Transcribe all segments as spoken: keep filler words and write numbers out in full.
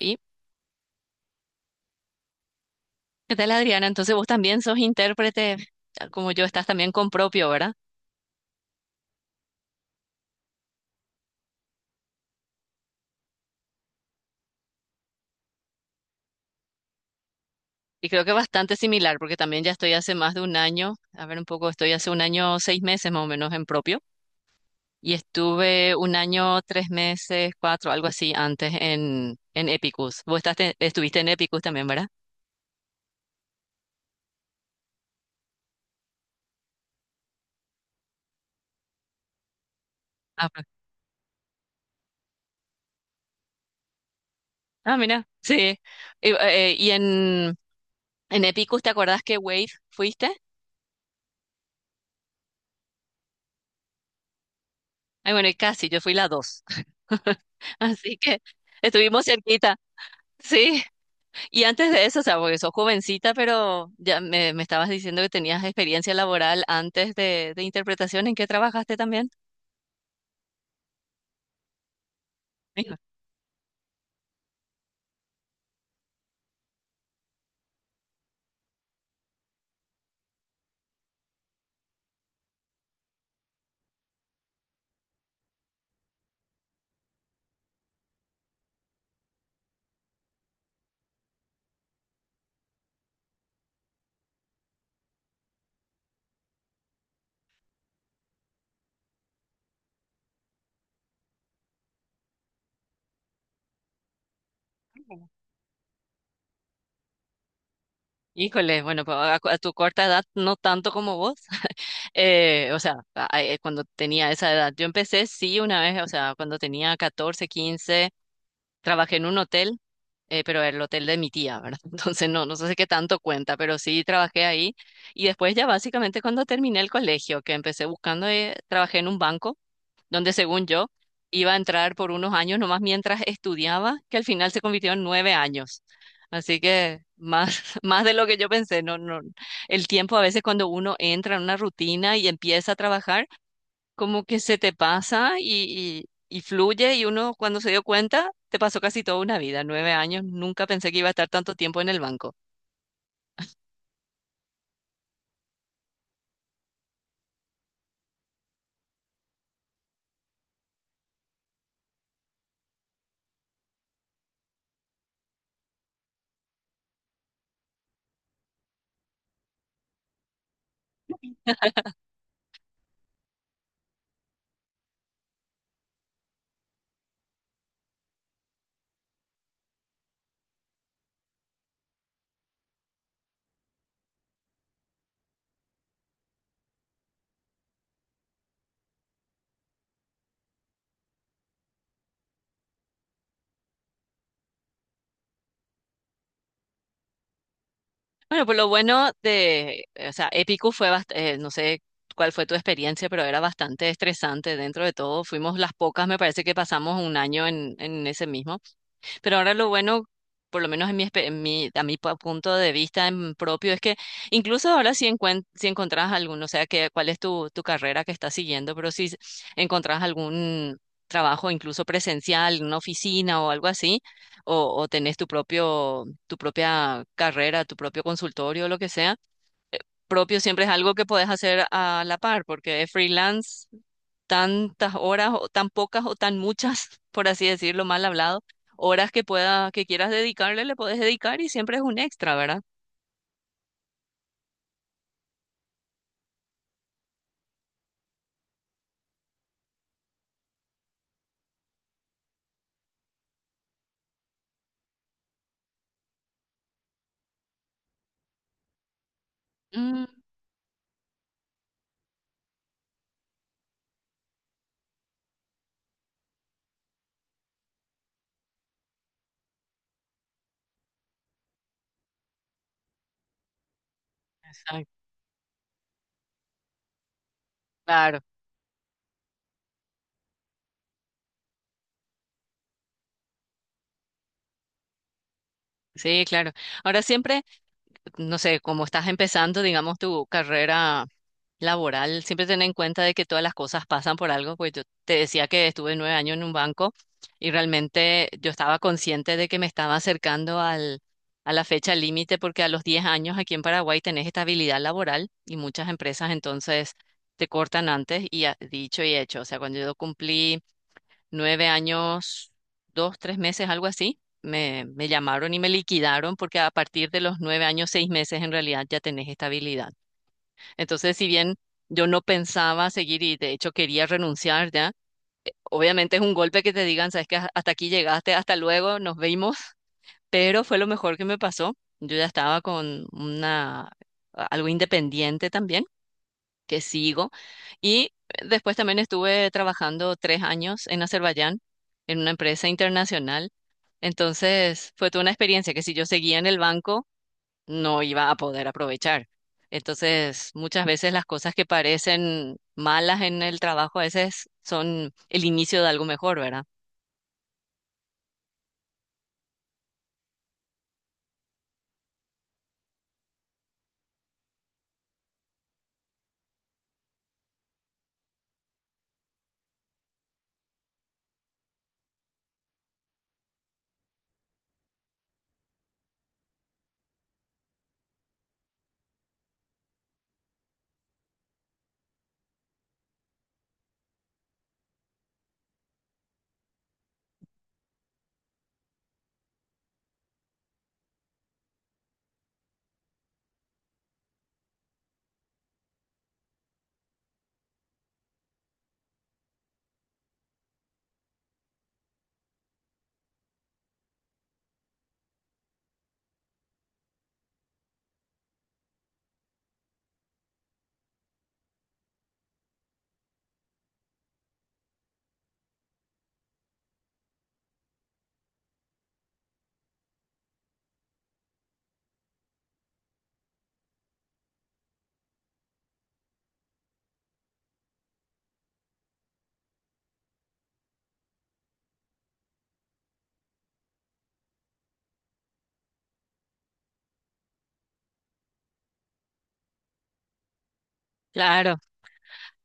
¿Y qué tal, Adriana? Entonces vos también sos intérprete, como yo, estás también con propio, ¿verdad? Y creo que bastante similar, porque también ya estoy hace más de un año, a ver un poco, estoy hace un año, seis meses más o menos en propio, y estuve un año, tres meses, cuatro, algo así antes en, en Epicus. Vos estás, estuviste en Epicus también, ¿verdad? Ah, pues. Ah, mira, sí. Y, eh, y en, en Epicus, ¿te acordás que Wave fuiste? Ay, bueno, y casi, yo fui la dos. Así que estuvimos cerquita, sí. Y antes de eso, o sea, porque sos jovencita, pero ya me, me estabas diciendo que tenías experiencia laboral antes de, de interpretación, ¿en qué trabajaste también? Hijo- Híjole, bueno, pues a, a tu corta edad no tanto como vos. Eh, o sea, a- a- eh, cuando tenía esa edad, yo empecé sí una vez, o sea, cuando tenía catorce, quince. Trabajé en un hotel, eh, pero el hotel de mi tía, ¿verdad? Entonces no, no sé si qué tanto cuenta, pero sí trabajé ahí. Y después ya básicamente cuando terminé el colegio, que empecé buscando, eh, trabajé en un banco donde según yo iba a entrar por unos años nomás mientras estudiaba, que al final se convirtió en nueve años. Así que más, más de lo que yo pensé, no, no. El tiempo a veces cuando uno entra en una rutina y empieza a trabajar, como que se te pasa y, y, y fluye, y uno cuando se dio cuenta, te pasó casi toda una vida, nueve años. Nunca pensé que iba a estar tanto tiempo en el banco. Bueno, pues lo bueno de, o sea, Épico fue bastante, no sé cuál fue tu experiencia, pero era bastante estresante dentro de todo. Fuimos las pocas, me parece que pasamos un año en, en ese mismo. Pero ahora lo bueno, por lo menos en mi, espe- en mi- a mi pa- punto de vista en propio, es que incluso ahora si, encuent si encontrás alguno, o sea, que, cuál es tu, tu carrera que estás siguiendo. Pero si s- encontrás algún trabajo, incluso presencial, en una oficina o algo así, o, o tenés tu propio, tu propia carrera, tu propio consultorio o lo que sea, propio siempre es algo que puedes hacer a la par, porque es freelance, tantas horas o tan pocas o tan muchas, por así decirlo, mal hablado, horas que pueda, que quieras dedicarle le puedes dedicar, y siempre es un extra, ¿verdad? Mm, exacto. Claro, sí, claro. Ahora siempre, no sé, como estás empezando, digamos, tu carrera laboral, siempre tener en cuenta de que todas las cosas pasan por algo. Pues yo te decía que estuve nueve años en un banco, y realmente yo estaba consciente de que me estaba acercando al, a la fecha límite, porque a los diez años aquí en Paraguay tenés estabilidad laboral, y muchas empresas entonces te cortan antes. Y ha- dicho y hecho, o sea, cuando yo cumplí nueve años, dos, tres meses, algo así, Me, me llamaron y me liquidaron, porque a partir de los nueve años, seis meses en realidad ya tenés estabilidad. Entonces, si bien yo no pensaba seguir, y de hecho quería renunciar ya, obviamente es un golpe que te digan: sabes que hasta aquí llegaste, hasta luego, nos vimos. Pero fue lo mejor que me pasó. Yo ya estaba con una algo independiente también, que sigo. Y después también estuve trabajando tres años en Azerbaiyán, en una empresa internacional. Entonces, fue toda una experiencia que si yo seguía en el banco, no iba a poder aprovechar. Entonces, muchas veces las cosas que parecen malas en el trabajo a veces son el inicio de algo mejor, ¿verdad? Claro.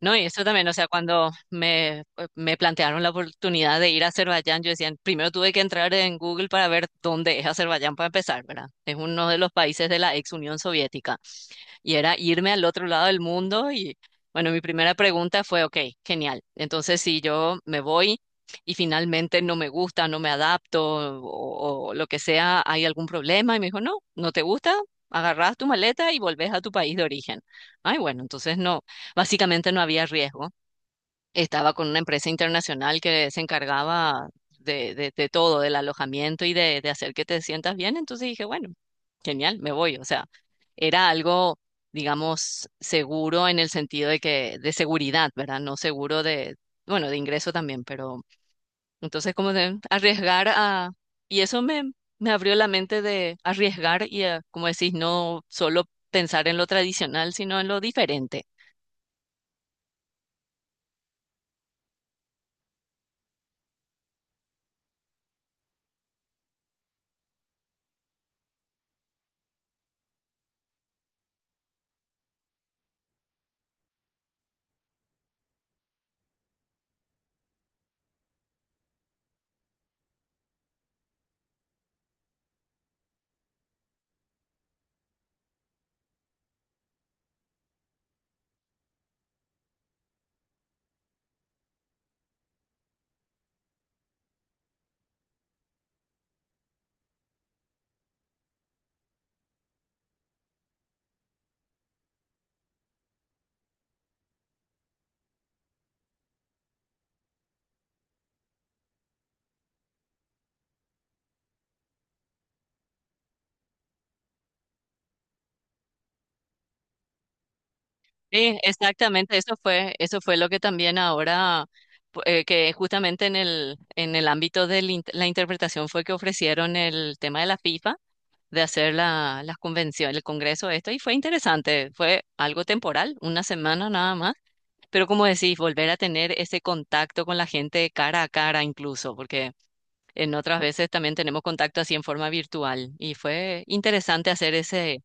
No, y eso también, o sea, cuando me, me plantearon la oportunidad de ir a Azerbaiyán, yo decía, primero tuve que entrar en Google para ver dónde es Azerbaiyán, para empezar, ¿verdad? Es uno de los países de la ex Unión Soviética. Y era irme al otro lado del mundo. Y bueno, mi primera pregunta fue: ok, genial. Entonces, si yo me voy y finalmente no me gusta, no me adapto, o, o lo que sea, ¿hay algún problema? Y me dijo: no, no te gusta, agarrás tu maleta y volvés a tu país de origen. Ay, bueno, entonces no, básicamente no había riesgo. Estaba con una empresa internacional que se encargaba de, de, de todo, del alojamiento y de, de hacer que te sientas bien. Entonces dije: bueno, genial, me voy. O sea, era algo, digamos, seguro en el sentido de que, de seguridad, ¿verdad? No seguro de, bueno, de ingreso también, pero entonces como de arriesgar, a, y eso me, me abrió la mente de arriesgar y, a, como decís, no solo pensar en lo tradicional, sino en lo diferente. Sí, exactamente, eso fue, eso fue lo que también ahora, pu- eh, que justamente en el, en el ámbito de la interpretación fue que ofrecieron el tema de la FIFA, de hacer la, las convenciones, el congreso, esto. Y fue interesante, fue algo temporal, una semana nada más, pero como decís, volver a tener ese contacto con la gente cara a cara incluso, porque en otras veces también tenemos contacto así en forma virtual. Y fue interesante hacer ese,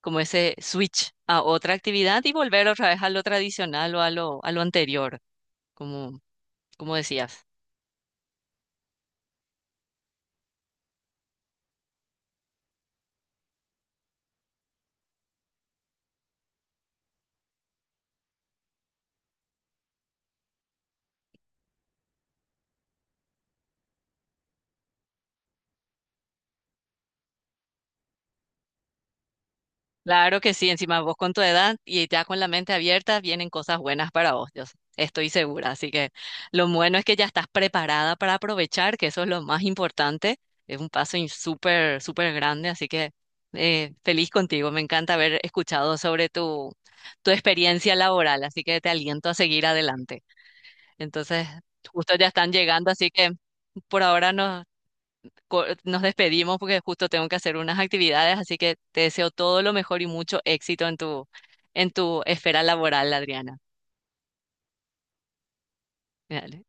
como ese switch a otra actividad, y volver otra vez a lo tradicional, o a lo, a lo anterior, como, como decías. Claro que sí, encima vos con tu edad y ya con la mente abierta vienen cosas buenas para vos, yo estoy segura. Así que lo bueno es que ya estás preparada para aprovechar, que eso es lo más importante. Es un paso in- súper, súper grande, así que eh, feliz contigo. Me encanta haber escuchado sobre tu, tu experiencia laboral, así que te aliento a seguir adelante. Entonces, justo ya están llegando, así que por ahora nos, co- nos despedimos, porque justo tengo que hacer unas actividades, así que te deseo todo lo mejor y mucho éxito en tu, en tu esfera laboral, Adriana. Dale.